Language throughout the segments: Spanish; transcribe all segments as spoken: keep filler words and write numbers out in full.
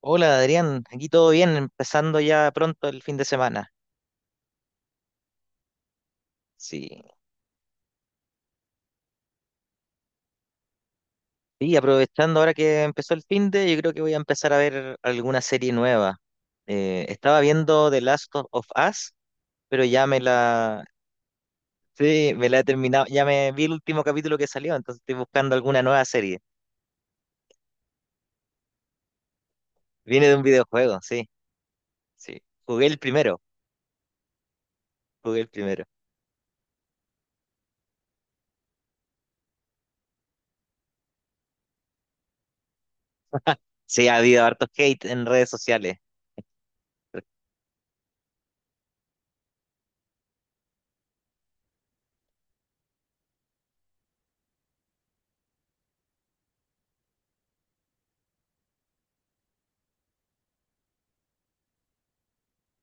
Hola Adrián, aquí todo bien, empezando ya pronto el fin de semana. Sí, y aprovechando ahora que empezó el fin de, yo creo que voy a empezar a ver alguna serie nueva. Eh, estaba viendo The Last of of Us, pero ya me la, sí, me la he terminado, ya me vi el último capítulo que salió, entonces estoy buscando alguna nueva serie. Viene de un videojuego, sí, sí. Jugué el primero, jugué el primero. Sí, ha habido harto hate en redes sociales.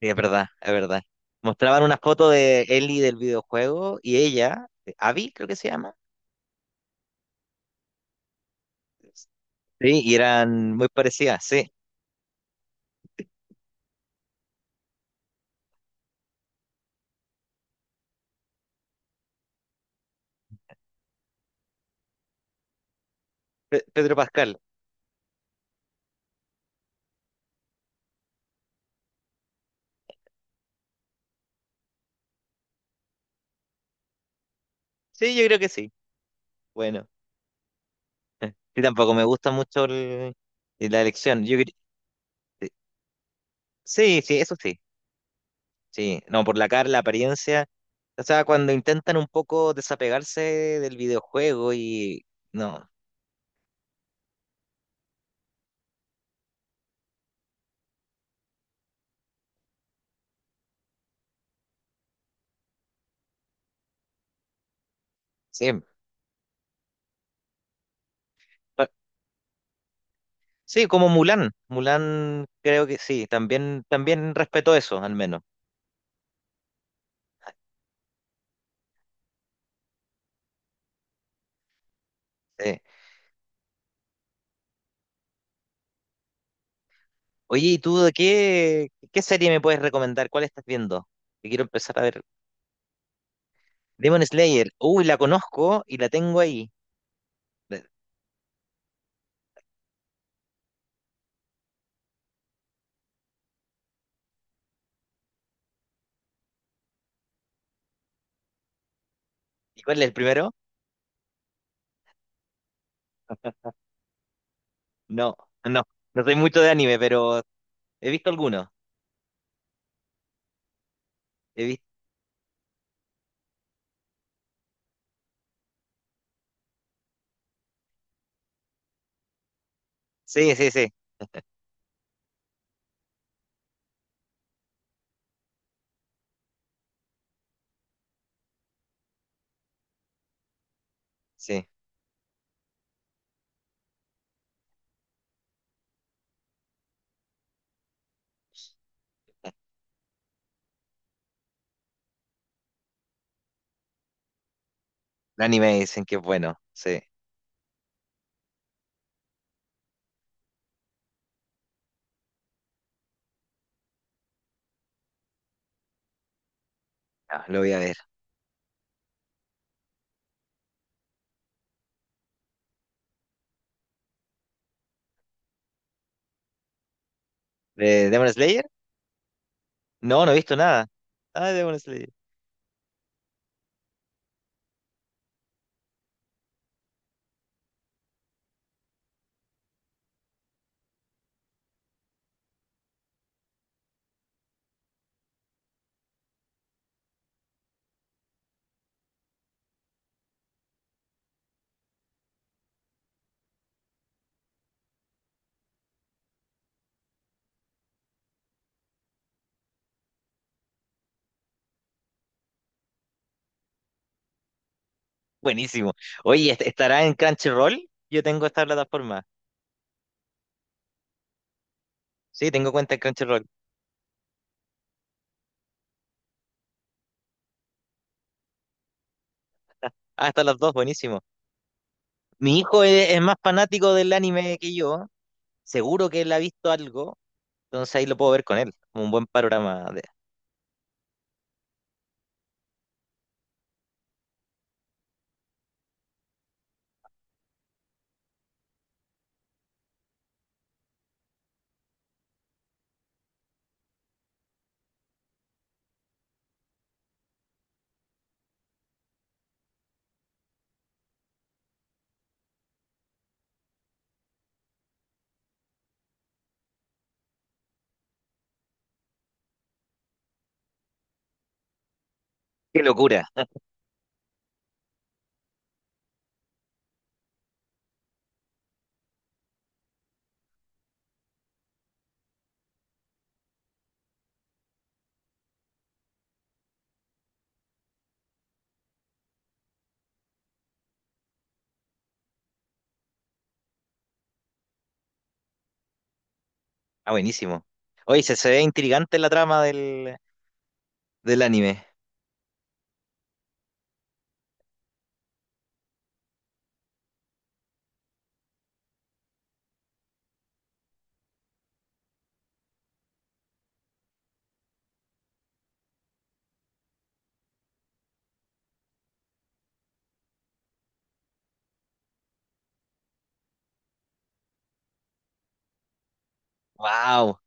Sí, es verdad, es verdad. Mostraban una foto de Ellie del videojuego y ella, eh, Abby creo que se llama. Sí, y eran muy parecidas, sí. Pe- Pedro Pascal. Sí, yo creo que sí. Bueno, eh, sí, tampoco me gusta mucho el- eh, la elección. Yo, cre- eh, sí, sí, eso sí. Sí, no, por la cara, la apariencia. O sea, cuando intentan un poco desapegarse del videojuego y... No, sí. pa- Sí, como Mulan. Mulan creo que sí, también, también respetó eso, al menos. Sí. Oye, ¿y tú de qué, qué serie me puedes recomendar? ¿Cuál estás viendo? Que quiero empezar a ver. Demon Slayer. Uy, la conozco y la tengo ahí. ¿Y cuál es el primero? No, no. No soy mucho de anime, pero he visto algunos. He visto... Sí, sí, sí. Sí. El anime dicen que es bueno. Sí. Ah, lo voy a ver. ¿De Demon Slayer? No, no he visto nada. Ah, Demon Slayer. Buenísimo. Oye, ¿est- ¿estará en Crunchyroll? Yo tengo esta plataforma. Sí, tengo cuenta en Crunchyroll. Ah, están las dos, buenísimo. Mi hijo es, es más fanático del anime que yo, seguro que él ha visto algo, entonces ahí lo puedo ver con él, como un buen panorama de... ¡Qué locura! Ah, buenísimo. Oye, se, se ve intrigante la trama del, del anime. ¡Wow!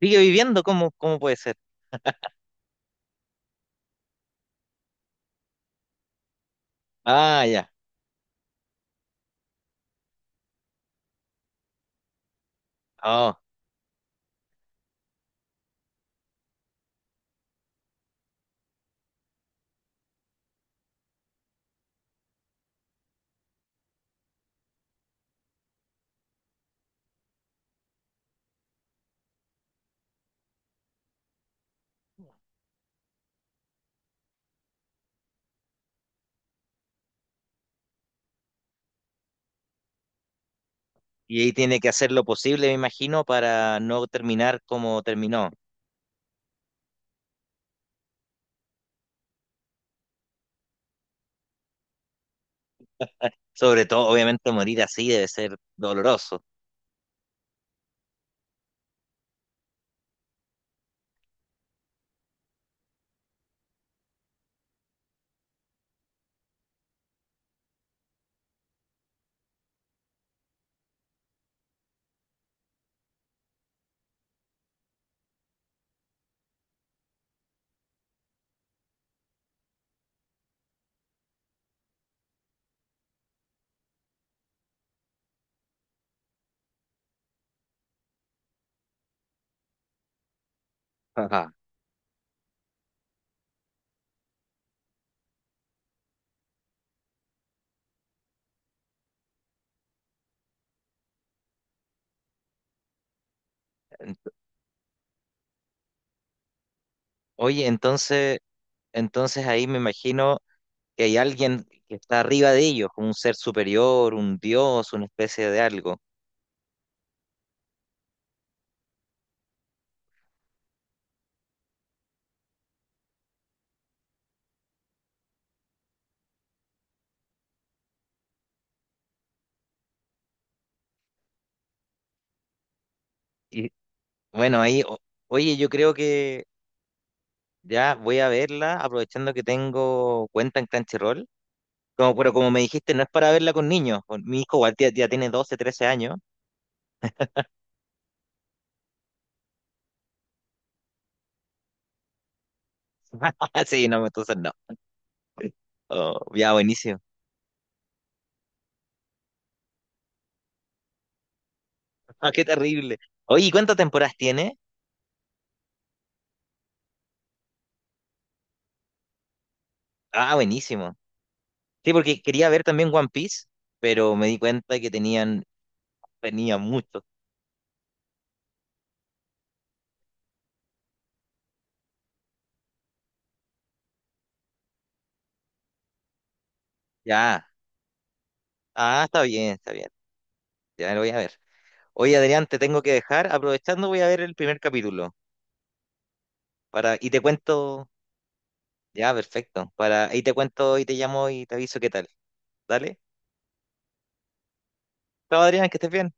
¿Sigue viviendo? ¿Cómo, cómo puede ser? Ah, ya. Oh, y ahí tiene que hacer lo posible, me imagino, para no terminar como terminó. Sobre todo, obviamente, morir así debe ser doloroso. Ajá. Ent- Oye, entonces, entonces ahí me imagino que hay alguien que está arriba de ellos, como un ser superior, un dios, una especie de algo. Y bueno, ahí, o- oye, yo creo que ya voy a verla, aprovechando que tengo cuenta en Crunchyroll. Como, pero como me dijiste, no es para verla con niños. con- Mi hijo igual ya, ya tiene doce trece años. Sí, no, entonces no. Oh, ya, buenísimo. Ah, qué terrible. Oye, ¿y ¿cuántas temporadas tiene? Ah, buenísimo. Sí, porque quería ver también One Piece, pero me di cuenta que tenían, tenía mucho. Ya. Ah, está bien, está bien. Ya lo voy a ver. Oye, Adrián, te tengo que dejar. Aprovechando, voy a ver el primer capítulo. Para, y te cuento. Ya, perfecto. Para, ahí te cuento y te llamo y te aviso qué tal. Dale. Chao, Adrián, que estés bien.